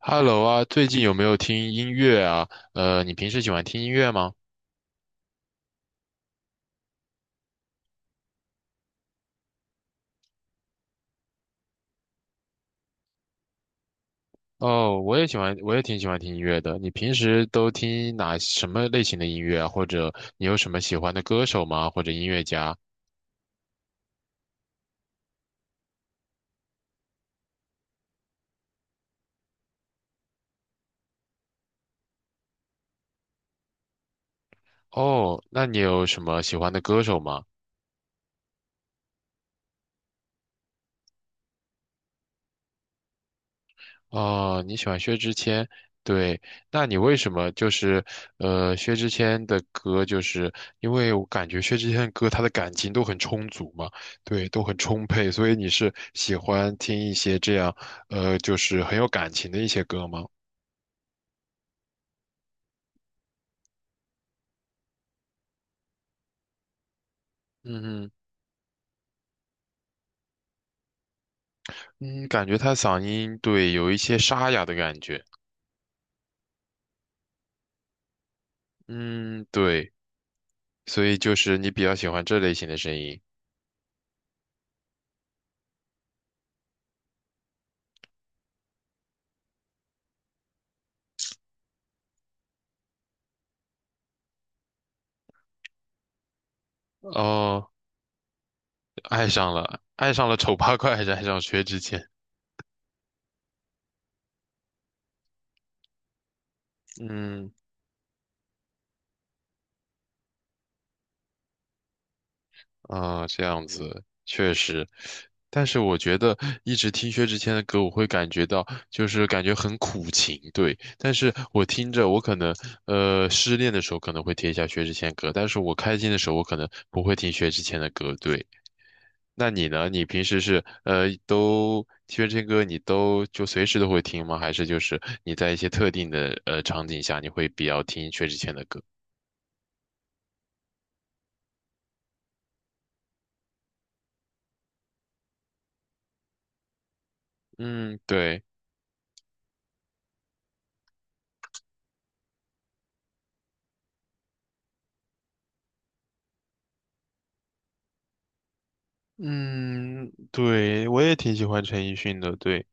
Hello 啊，最近有没有听音乐啊？你平时喜欢听音乐吗？哦，我也喜欢，我也挺喜欢听音乐的。你平时都听哪什么类型的音乐啊？或者你有什么喜欢的歌手吗？或者音乐家？哦，那你有什么喜欢的歌手吗？哦，你喜欢薛之谦，对，那你为什么就是薛之谦的歌，就是因为我感觉薛之谦的歌他的感情都很充足嘛，对，都很充沛，所以你是喜欢听一些这样就是很有感情的一些歌吗？嗯嗯，感觉他嗓音对有一些沙哑的感觉，嗯对，所以就是你比较喜欢这类型的声音，哦，爱上了，爱上了丑八怪，还是爱上薛之谦？嗯。啊，这样子确实，但是我觉得一直听薛之谦的歌，我会感觉到就是感觉很苦情，对。但是我听着，我可能失恋的时候可能会听一下薛之谦歌，但是我开心的时候我可能不会听薛之谦的歌，对。那你呢？你平时是都薛之谦歌你都就随时都会听吗？还是就是你在一些特定的场景下你会比较听薛之谦的歌？嗯，对。嗯，对，我也挺喜欢陈奕迅的，对，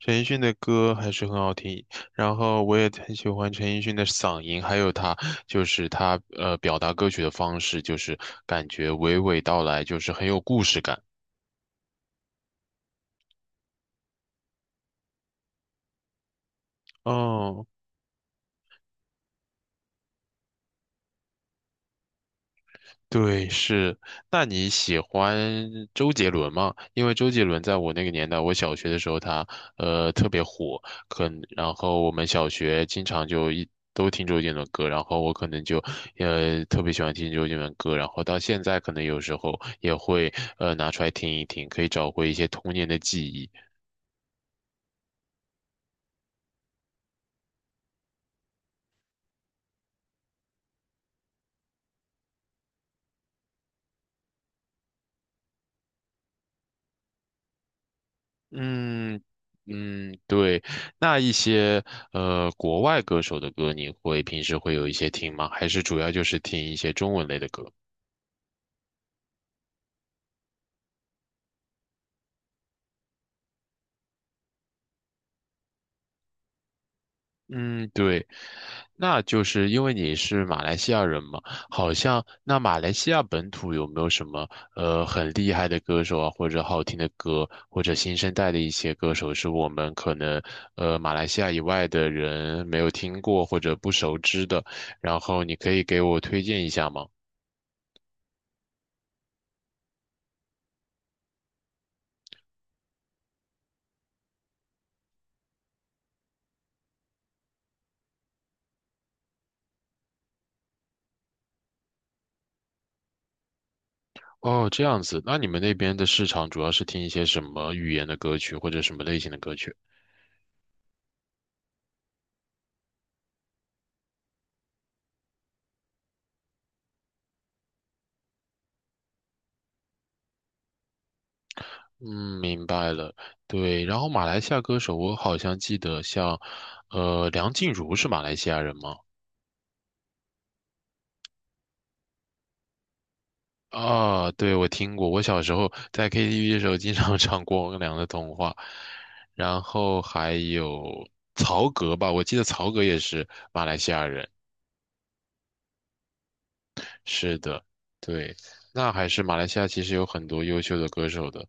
陈奕迅的歌还是很好听，然后我也很喜欢陈奕迅的嗓音，还有他就是他表达歌曲的方式，就是感觉娓娓道来，就是很有故事感。哦。对，是。那你喜欢周杰伦吗？因为周杰伦在我那个年代，我小学的时候他特别火，可能然后我们小学经常就一都听周杰伦歌，然后我可能就特别喜欢听周杰伦歌，然后到现在可能有时候也会拿出来听一听，可以找回一些童年的记忆。嗯嗯，对。那一些国外歌手的歌，你会平时会有一些听吗？还是主要就是听一些中文类的歌？嗯，对，那就是因为你是马来西亚人嘛，好像那马来西亚本土有没有什么很厉害的歌手啊，或者好听的歌，或者新生代的一些歌手，是我们可能马来西亚以外的人没有听过或者不熟知的，然后你可以给我推荐一下吗？哦，这样子，那你们那边的市场主要是听一些什么语言的歌曲，或者什么类型的歌曲？嗯，明白了。对，然后马来西亚歌手，我好像记得像，梁静茹是马来西亚人吗？啊，对，我听过。我小时候在 KTV 的时候经常 唱《光良的童话》，然后还有曹格吧，我记得曹格也是马来西亚人。是的，对，那还是马来西亚其实有很多优秀的歌手的。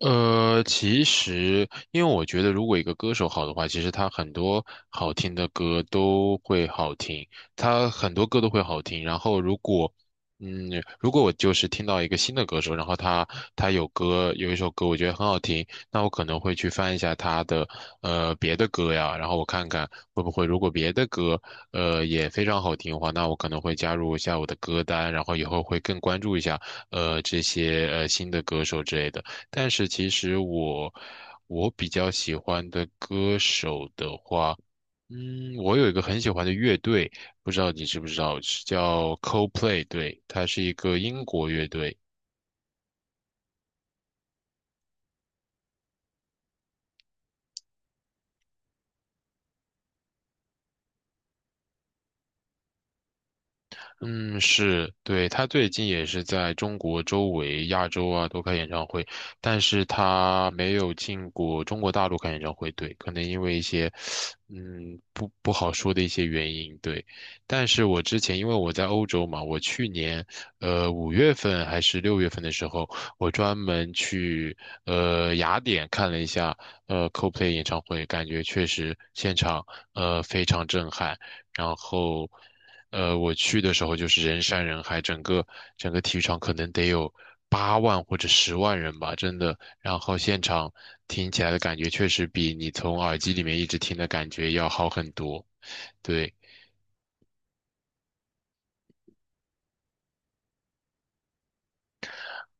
其实，因为我觉得，如果一个歌手好的话，其实他很多好听的歌都会好听，他很多歌都会好听。然后，如果，嗯，如果我就是听到一个新的歌手，然后他有一首歌我觉得很好听，那我可能会去翻一下他的别的歌呀，然后我看看会不会，如果别的歌也非常好听的话，那我可能会加入一下我的歌单，然后以后会更关注一下这些新的歌手之类的。但是其实我比较喜欢的歌手的话，嗯，我有一个很喜欢的乐队，不知道你知不知道，是叫 Coldplay，对，它是一个英国乐队。嗯，是，对，他最近也是在中国周围、亚洲啊都开演唱会，但是他没有进过中国大陆开演唱会，对，可能因为一些，嗯，不好说的一些原因，对。但是我之前因为我在欧洲嘛，我去年，5月份还是6月份的时候，我专门去，雅典看了一下，Coldplay 演唱会，感觉确实现场，非常震撼，然后。我去的时候就是人山人海，整个体育场可能得有8万或者10万人吧，真的。然后现场听起来的感觉确实比你从耳机里面一直听的感觉要好很多。对，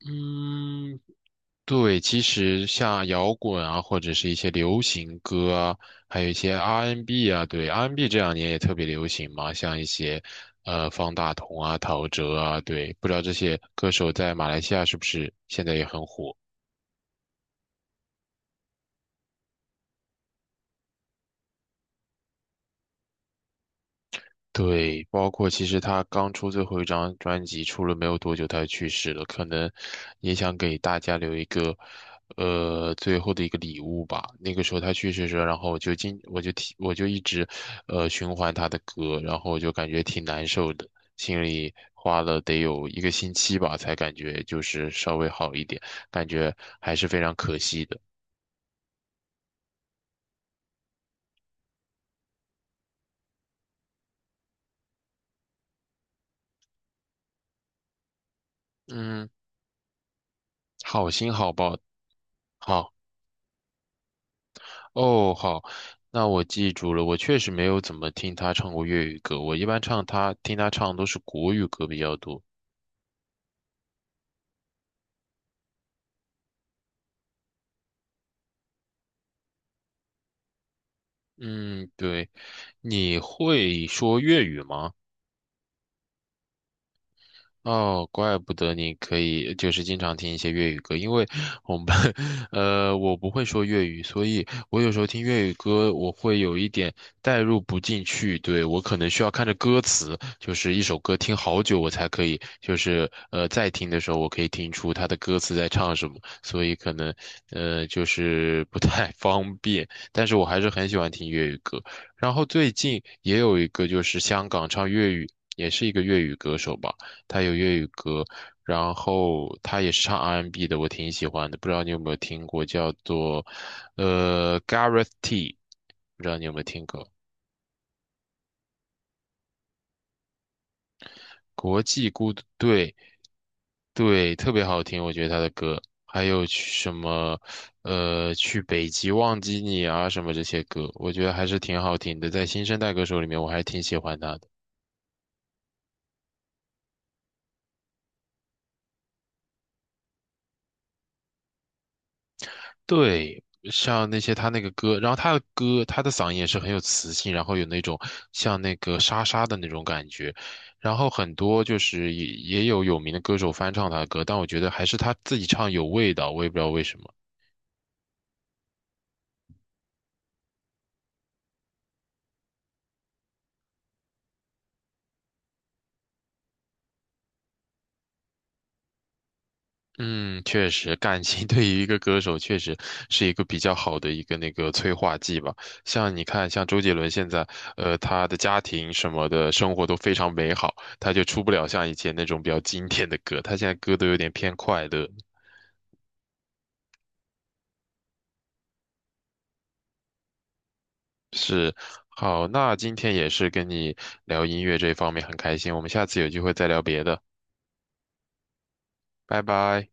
嗯，对，其实像摇滚啊，或者是一些流行歌啊，还有一些 R&B n 啊，对，R&B n 这2年也特别流行嘛，像一些方大同啊、陶喆啊，对，不知道这些歌手在马来西亚是不是现在也很火。对，包括其实他刚出最后一张专辑出了没有多久，他就去世了，可能也想给大家留一个，最后的一个礼物吧。那个时候他去世的时候，然后我就一直，循环他的歌，然后我就感觉挺难受的，心里花了得有一个星期吧，才感觉就是稍微好一点，感觉还是非常可惜的。嗯，好心好报，好。哦，好，那我记住了。我确实没有怎么听他唱过粤语歌，我一般唱他听他唱都是国语歌比较多。嗯，对，你会说粤语吗？哦，怪不得你可以就是经常听一些粤语歌，因为我们班，我不会说粤语，所以我有时候听粤语歌，我会有一点代入不进去，对，我可能需要看着歌词，就是一首歌听好久我才可以，就是在听的时候我可以听出他的歌词在唱什么，所以可能就是不太 方便，但是我还是很喜欢听粤语歌。然后最近也有一个就是香港唱粤语，也是一个粤语歌手吧。他有粤语歌，然后他也是唱 R&B 的，我挺喜欢的。不知道你有没有听过，叫做Gareth T，不知道你有没有听过？国际孤独队，对对，特别好听，我觉得他的歌。还有去什么去北极忘记你啊什么这些歌，我觉得还是挺好听的。在新生代歌手里面，我还挺喜欢他的。对，像那些他那个歌，然后他的歌，他的嗓音也是很有磁性，然后有那种像那个沙沙的那种感觉，然后很多就是也有名的歌手翻唱他的歌，但我觉得还是他自己唱有味道，我也不知道为什么。嗯，确实，感情 对于一个歌手确实是一个比较好的一个那个催化剂吧。像你看，像周杰伦现在，他的家庭什么的生活都非常美好，他就出不了像以前那种比较经典的歌，他现在歌都有点偏快乐。是，好，那今天也是跟你聊音乐这方面很开心，我们下次有机会再聊别的，拜拜。